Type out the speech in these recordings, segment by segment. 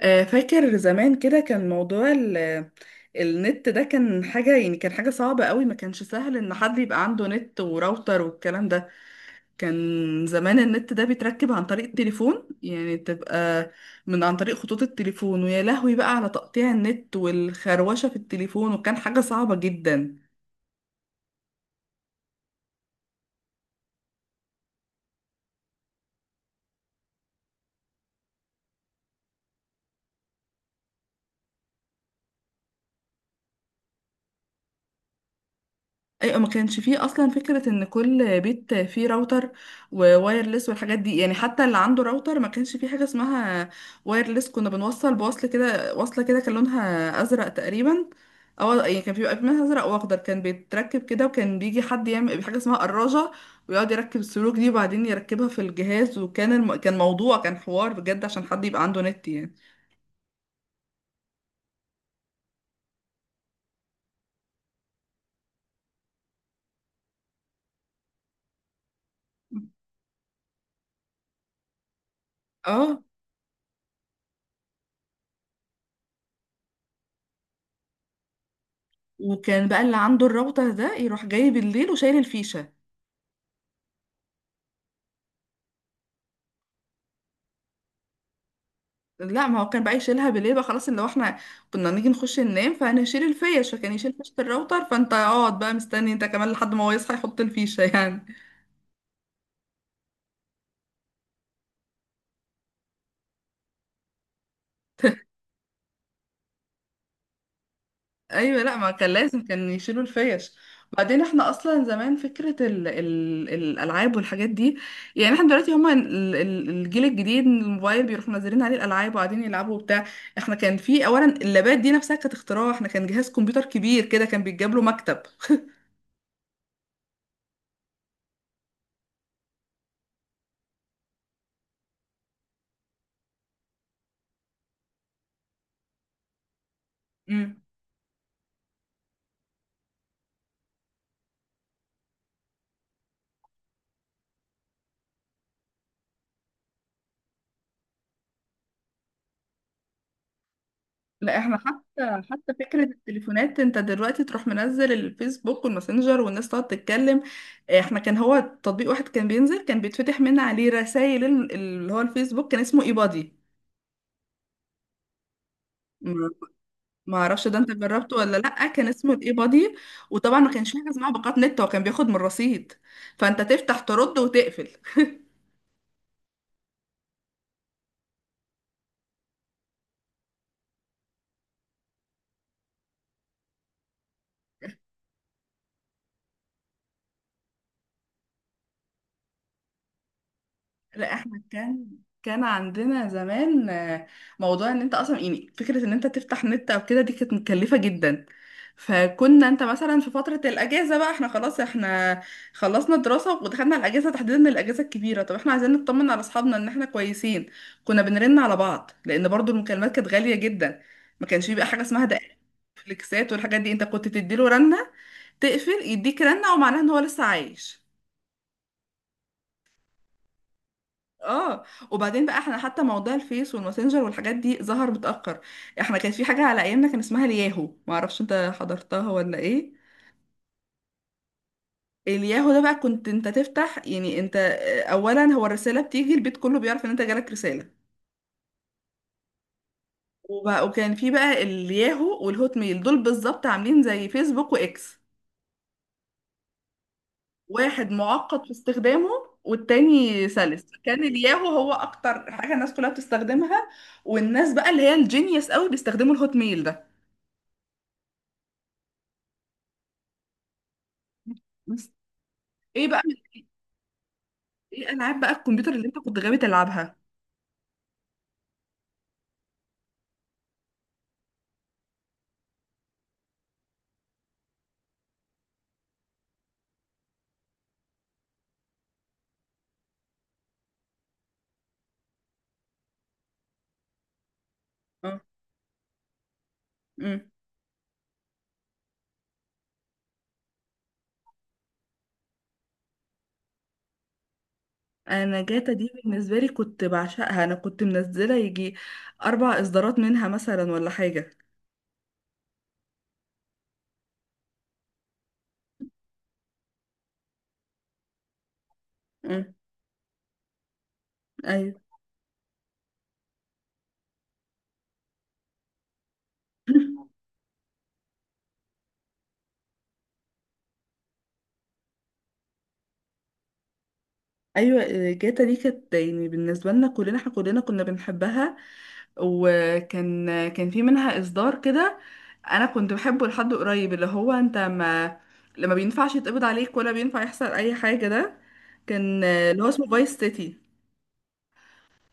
فاكر زمان كده كان موضوع النت ده كان حاجة صعبة قوي، ما كانش سهل ان حد يبقى عنده نت وراوتر والكلام ده. كان زمان النت ده بيتركب عن طريق التليفون، يعني تبقى عن طريق خطوط التليفون، ويا لهوي بقى على تقطيع النت والخروشة في التليفون، وكان حاجة صعبة جدا. ايوه، ما كانش فيه اصلا فكره ان كل بيت فيه راوتر ووايرلس والحاجات دي، يعني حتى اللي عنده راوتر ما كانش فيه حاجه اسمها وايرلس. كنا بنوصل بوصل كده، وصله كده كان لونها ازرق تقريبا، او يعني كان بيبقى منها ازرق واخضر. كان بيتركب كده، وكان بيجي حد يعمل حاجه اسمها قراجه، ويقعد يركب السلوك دي، وبعدين يركبها في الجهاز. وكان الم... كان موضوع كان حوار بجد عشان حد يبقى عنده نت يعني. اه، وكان بقى اللي عنده الراوتر ده يروح جاي بالليل وشايل الفيشه. لا، ما هو كان بقى يشيلها بالليل بقى خلاص، اللي هو احنا كنا نيجي نخش ننام فانا اشيل الفيش، فكان يشيل فيشه الراوتر، فانت اقعد بقى مستني انت كمان لحد ما هو يصحى يحط الفيشه يعني. ايوه، لا، ما كان لازم كان يشيلوا الفيش. بعدين احنا اصلا زمان فكره ال ال الالعاب والحاجات دي، يعني احنا دلوقتي هما الجيل الجديد، الموبايل بيروحوا منزلين عليه الالعاب وقاعدين يلعبوا وبتاع. احنا كان في اولا اللابات دي نفسها كانت اختراع، احنا كان جهاز كمبيوتر كبير كده كان بيتجاب له مكتب. مم. لا، احنا حتى فكرة التليفونات انت دلوقتي تروح منزل الفيسبوك والماسنجر والناس تقعد تتكلم. احنا كان هو تطبيق واحد كان بينزل، كان بيتفتح من عليه رسائل اللي هو الفيسبوك، كان اسمه ايبادي. ما ما اعرفش ده انت جربته ولا لا؟ كان اسمه الايبادي. وطبعا ما كانش في حاجه اسمها باقات نت، هو كان بياخد من الرصيد، فانت تفتح ترد وتقفل. لا، احنا كان عندنا زمان موضوع ان انت اصلا، يعني فكرة ان انت تفتح نت او كده دي كانت مكلفة جدا. فكنا انت مثلا في فترة الاجازة بقى، احنا خلاص احنا خلصنا دراسة ودخلنا الاجازة، تحديدا الاجازة الكبيرة، طب احنا عايزين نطمن على اصحابنا ان احنا كويسين. كنا بنرن على بعض لان برضو المكالمات كانت غالية جدا، ما كانش بيبقى حاجة اسمها دقائق فليكسات والحاجات دي. انت كنت تديله رنة تقفل، يديك رنة، ومعناها ان هو لسه عايش. اه، وبعدين بقى احنا حتى موضوع الفيس والماسنجر والحاجات دي ظهر متأخر. احنا كانت في حاجة على ايامنا كان اسمها الياهو، معرفش انت حضرتها ولا ايه. الياهو ده بقى كنت انت تفتح، يعني انت اولا هو الرسالة بتيجي البيت كله بيعرف ان انت جالك رسالة. وكان في بقى الياهو والهوت ميل دول بالظبط عاملين زي فيسبوك واكس، واحد معقد في استخدامه والتاني سلس، كان الياهو هو اكتر حاجة الناس كلها بتستخدمها. والناس بقى اللي هي الجينيوس قوي بيستخدموا الهوت ميل ده. ايه بقى ايه العاب بقى الكمبيوتر اللي انت كنت غاوي تلعبها؟ اه، امم انا جاتا دي بالنسبه لي كنت بعشقها، انا كنت منزله يجي اربع اصدارات منها مثلا ولا حاجه. امم ايوه ايوه. جاتا دي كانت، يعني بالنسبه لنا كلنا احنا كلنا كنا بنحبها. وكان كان في منها اصدار كده انا كنت بحبه لحد قريب، اللي هو انت ما لما بينفعش يتقبض عليك ولا بينفع يحصل اي حاجه ده، كان اللي هو اسمه فايس سيتي.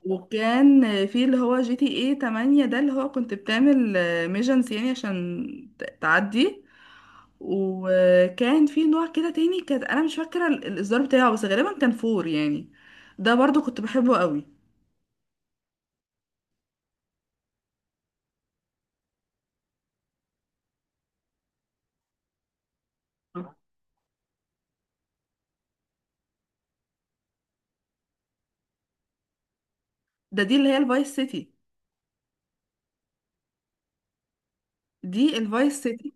وكان في اللي هو جي تي ايه 8 ده، اللي هو كنت بتعمل ميجنز يعني عشان تعدي. وكان في نوع كده تاني، كانت انا مش فاكره الاصدار بتاعه بس غالبا كان فور يعني، ده برضو كنت بحبه قوي. دي اللي هي الفايس سيتي، دي الفايس سيتي.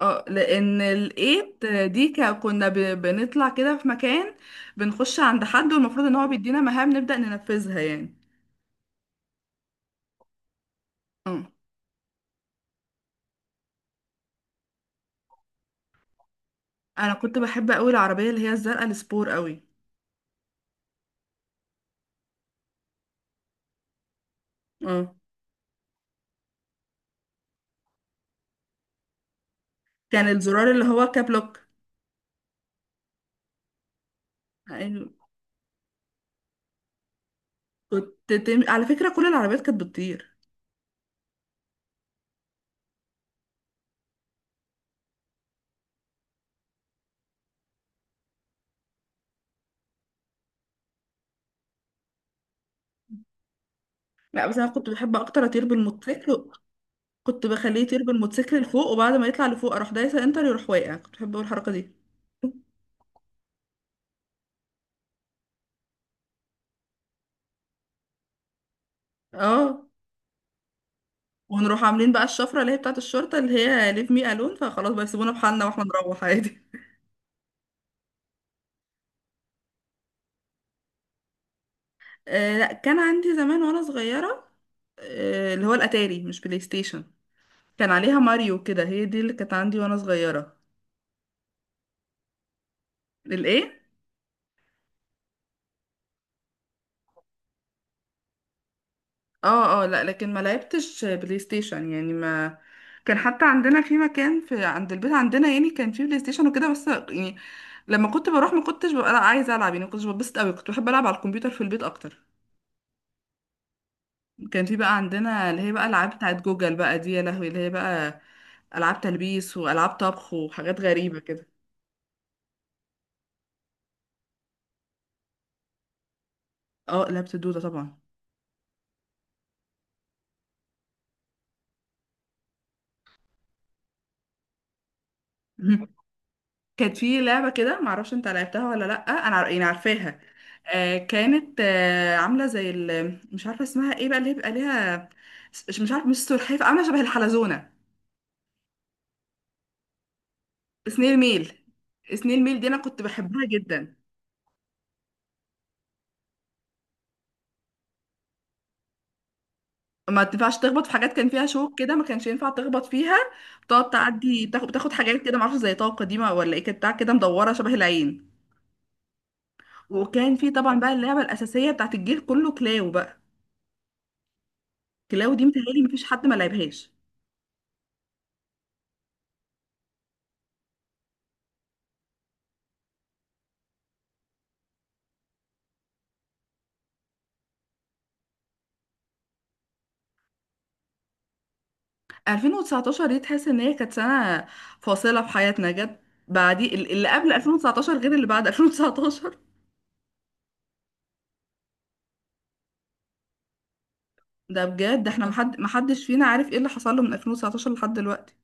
اه، لان الايت دي كنا بنطلع كده في مكان، بنخش عند حد، والمفروض ان هو بيدينا مهام نبدأ ننفذها يعني. اه، انا كنت بحب قوي العربيه اللي هي الزرقاء السبور قوي. اه، كان الزرار اللي هو كابلوك. يعني كنت على فكرة كل العربيات كانت بتطير. لا بس انا كنت بحب اكتر اطير بالموتوسيكل، كنت بخليه يطير بالموتوسيكل لفوق وبعد ما يطلع لفوق اروح دايسة انتر يروح واقع، كنت بحب أوي الحركة دي. اه، ونروح عاملين بقى الشفرة اللي هي بتاعة الشرطة اللي هي ليف مي الون، فخلاص بقى يسيبونا بحالنا واحنا نروح عادي. لا، كان عندي زمان وانا صغيرة، اللي هو الاتاري مش بلاي ستيشن، كان عليها ماريو كده، هي دي اللي كانت عندي وانا صغيرة. الايه؟ اه، اه، لا، لكن ما لعبتش بلاي ستيشن، يعني ما كان، حتى عندنا في مكان في عند البيت عندنا يعني كان في بلاي ستيشن وكده، بس يعني لما كنت بروح ما كنتش ببقى عايزه العب، يعني ما كنتش ببسط قوي، كنت بحب العب على الكمبيوتر في البيت اكتر. كان في بقى عندنا اللي هي بقى العاب بتاعت جوجل بقى دي، يا لهوي اللي هي بقى العاب تلبيس والعاب طبخ وحاجات غريبه كده. اه، لعبت الدوده طبعا. كانت في لعبة كده معرفش انت لعبتها ولا لأ، انا يعني عارفاها. كانت عاملة زي مش عارفة اسمها ايه بقى اللي هي بيبقى ليها. مش عارفة، مش سلحفاة، عاملة شبه الحلزونة. سنيل ميل. سنيل ميل دي انا كنت بحبها جدا. ما تنفعش تخبط في حاجات كان فيها شوك كده، ما كانش ينفع تخبط فيها. بتقعد تعدي، بتاخد حاجات كده معرفش، زي طاقة قديمة ولا ايه، كانت بتاع كده مدورة شبه العين. وكان في طبعا بقى اللعبة الأساسية بتاعت الجيل كله، كلاو بقى. كلاو دي متهيألي مفيش حد ما لعبهاش. 2019 دي تحس ان هي كانت سنة فاصلة في حياتنا جت بعدي، اللي قبل 2019 غير اللي بعد 2019. ده بجد، ده احنا محدش فينا عارف ايه اللي حصل له من 2019 لحد دلوقتي.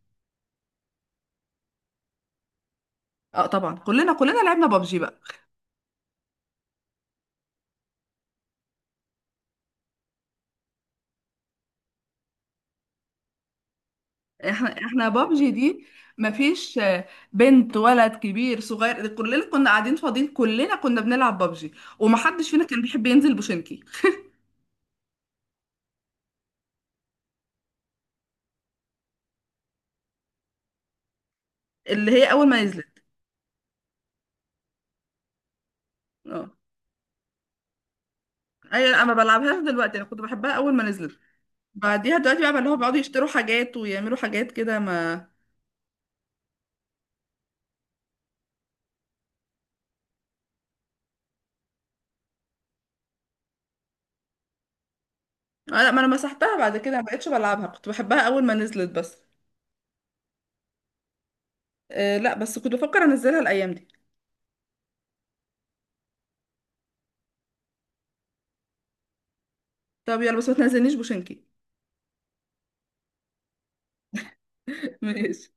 اه، طبعا كلنا لعبنا بابجي بقى. احنا بابجي دي، مفيش بنت ولد كبير صغير، كلنا كنا قاعدين فاضيين، كلنا كنا بنلعب بابجي، ومحدش فينا كان بيحب ينزل بوشنكي. اللي هي اول ما نزلت. اه، ايوه، انا ما بلعبهاش دلوقتي، انا كنت بحبها اول ما نزلت. بعديها دلوقتي بقى اللي هو بيقعدوا يشتروا حاجات ويعملوا حاجات كده، ما انا مسحتها بعد كده، ما بقتش بلعبها، كنت بحبها اول ما نزلت بس. لا، بس كنت بفكر انزلها الايام دي. طب يلا بس ما تنزلنيش بوشنكي. ماشي